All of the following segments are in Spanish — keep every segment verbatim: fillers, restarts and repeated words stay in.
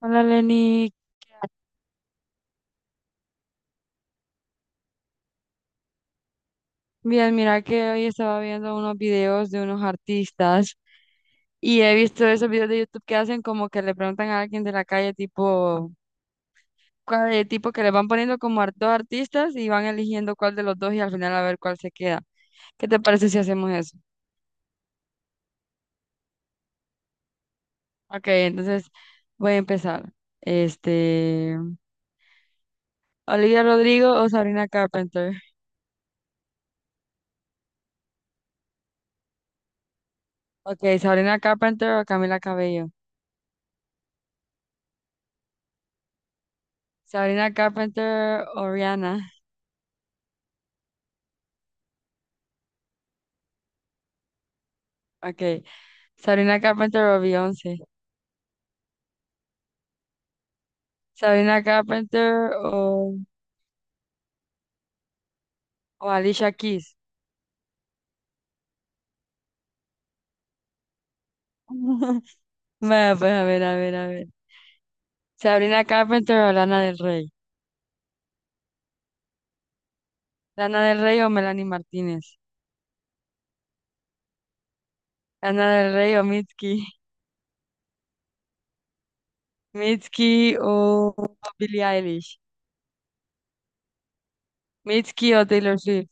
Hola Lenny, bien, mira que hoy estaba viendo unos videos de unos artistas y he visto esos videos de YouTube que hacen como que le preguntan a alguien de la calle tipo, cuál de tipo que le van poniendo como ar- dos artistas y van eligiendo cuál de los dos y al final a ver cuál se queda. ¿Qué te parece si hacemos eso? Ok, entonces voy a empezar. Este, Olivia Rodrigo o Sabrina Carpenter. Ok, Sabrina Carpenter o Camila Cabello. Sabrina Carpenter o Rihanna. Ok. Sabrina Carpenter o Beyoncé. Sabrina Carpenter o, o Alicia Keys. Bueno, pues a ver, a ver, a ver. Sabrina Carpenter o Lana del Rey. Lana del Rey o Melanie Martínez. Lana del Rey o Mitski. Mitski o Billie Eilish. Mitski o Taylor Swift.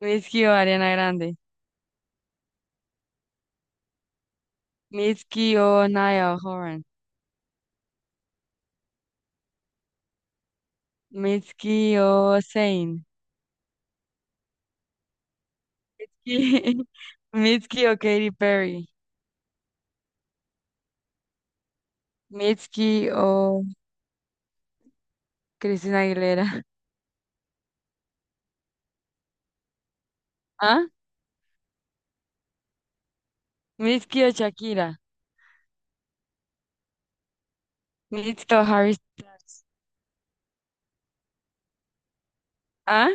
Mitski o Ariana Grande. Mitski o Niall Horan. Mitski o Zayn. Mitski o Katy Perry. Mitski o Christina Aguilera. ¿Ah? Mitski o Shakira. Mitski o Harry Styles. ¿Ah?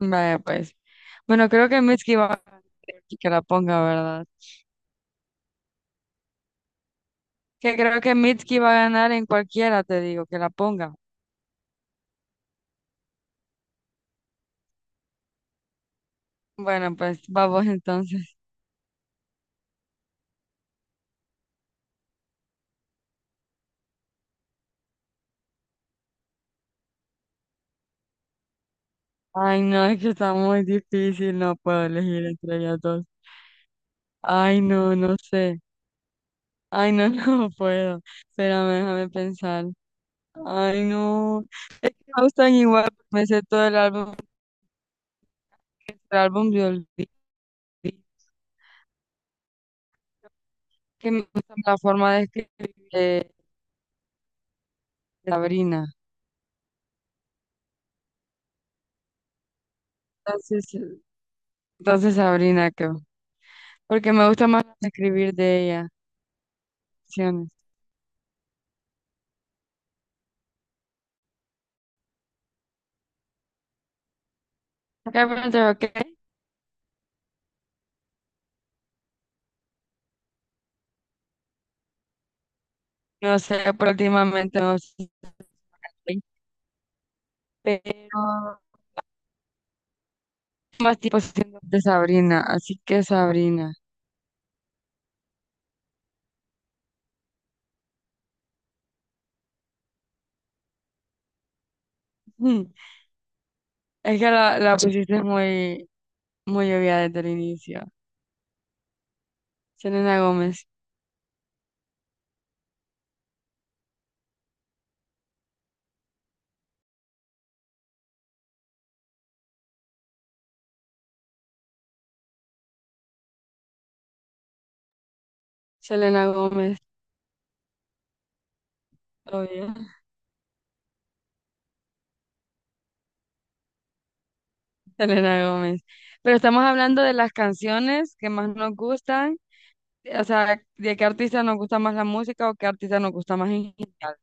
Vaya pues. Bueno, creo que Mitski va a ganar. Que la ponga, ¿verdad? Que creo que Mitski va a ganar en cualquiera, te digo, que la ponga. Bueno, pues vamos entonces. Ay, no, es que está muy difícil, no puedo elegir entre ellas dos. Ay, no, no sé. Ay, no, no puedo. Espérame, déjame pensar. Ay, no. Me gustan igual, me sé todo el álbum, el álbum de Olvido, que me gusta la forma de escribir eh, de Sabrina. Entonces, entonces Sabrina creo. Porque me gusta más escribir de ella. Canciones. Carpenter, ok. No sé, pero últimamente no sé. Pero más tipo siento de Sabrina. Así que Sabrina. Mm, es que la, la pusiste muy, muy obvia desde el inicio. Selena Gómez. Selena Gómez. Obvio. Selena Gómez. Pero estamos hablando de las canciones que más nos gustan, o sea, de qué artista nos gusta más la música o qué artista nos gusta más en general,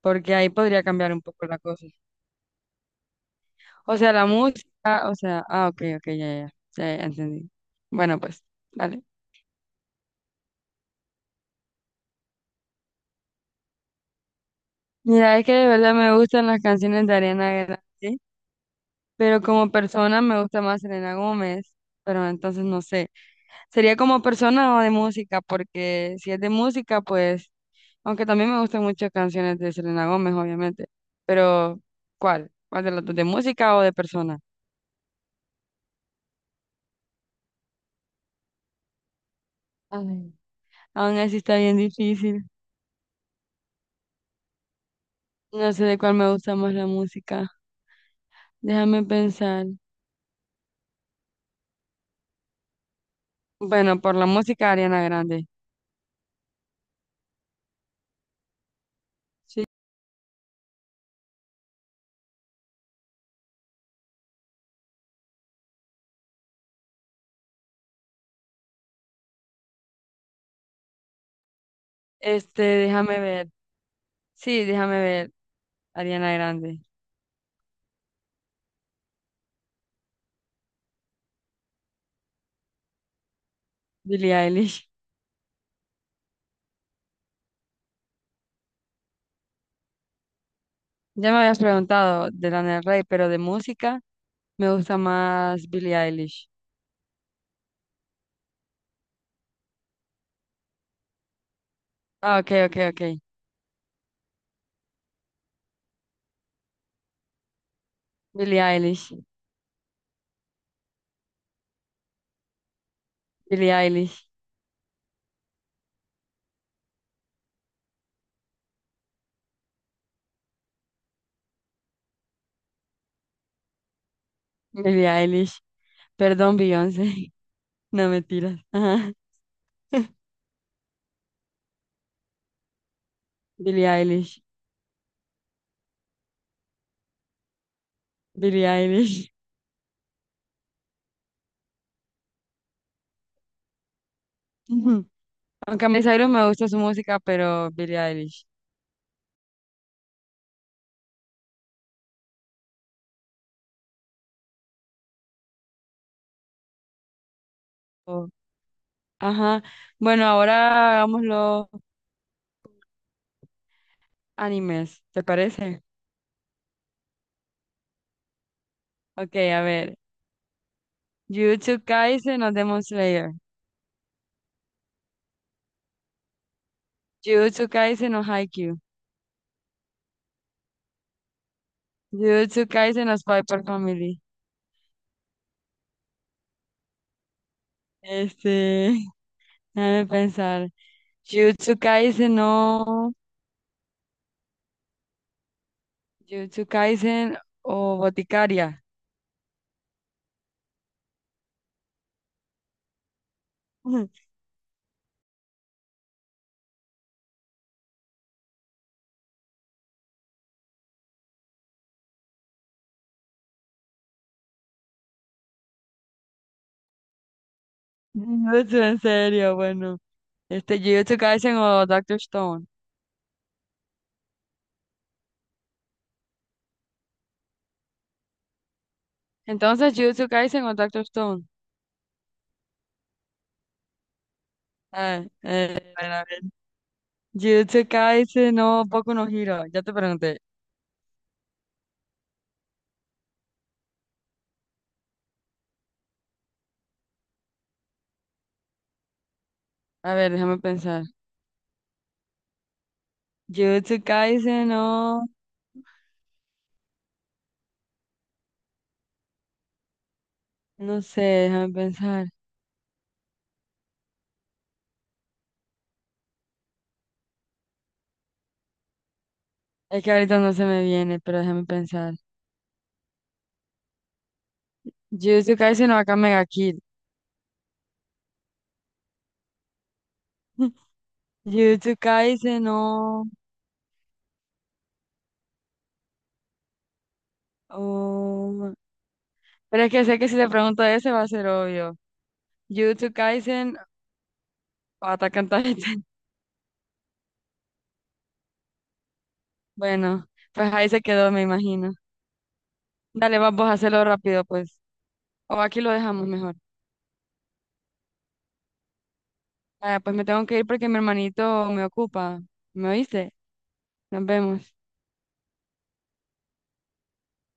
porque ahí podría cambiar un poco la cosa. O sea, la música, o sea, ah, ok, ok, ya, ya, ya, ya ya entendí. Bueno, pues, vale. Mira, es que de verdad me gustan las canciones de Ariana Grande, ¿sí? Pero como persona me gusta más Selena Gómez, pero entonces no sé. Sería como persona o de música, porque si es de música, pues, aunque también me gustan muchas canciones de Selena Gómez, obviamente, pero ¿cuál? ¿Cuál de las dos? ¿De música o de persona? Ay, aún así está bien difícil. No sé de cuál me gusta más la música. Déjame pensar. Bueno, por la música Ariana Grande. Sí. Este, déjame ver. Sí, déjame ver. Ariana Grande. Billie Eilish. Ya me habías preguntado de Lana del Rey, pero de música me gusta más Billie Eilish. Ah, ok, ok, ok. Billie Eilish. Billie Eilish. Billie Eilish. Perdón, Beyoncé. No me tiras. Ajá. Billie Eilish. Billie Eilish. Aunque a mí Cyrus me gusta su música, pero Billie Eilish. Oh, ajá. Bueno, ahora hagamos los animes, ¿te parece? Ok, a ver. Jujutsu Kaisen o Demon Slayer. Jujutsu Kaisen o Haikyuu. Jujutsu Kaisen o Spy x Family. Este, déjame pensar. Jujutsu Kaisen o... Jujutsu Kaisen o Boticaria. Jujutsu, en serio, bueno. Este, Jujutsu Kaisen o Doctor Stone. Entonces, Jujutsu Kaisen o Doctor Stone. Ah, eh, a ver, a ver. Jujutsu Kaisen no Boku no Hero. Ya te pregunté. A ver, déjame pensar. Jujutsu Kaisen no... No sé, déjame pensar. Es que ahorita no se me viene, pero déjame pensar. Jujutsu Kaisen no acá Mega Kill. Jujutsu Kaisen no... Oh, pero es que sé que si te pregunto ese va a ser obvio. Jujutsu Kaisen o Attack on Titan. Bueno, pues ahí se quedó, me imagino. Dale, vamos a hacerlo rápido, pues. O aquí lo dejamos mejor. Ah, pues me tengo que ir porque mi hermanito me ocupa. ¿Me oíste? Nos vemos.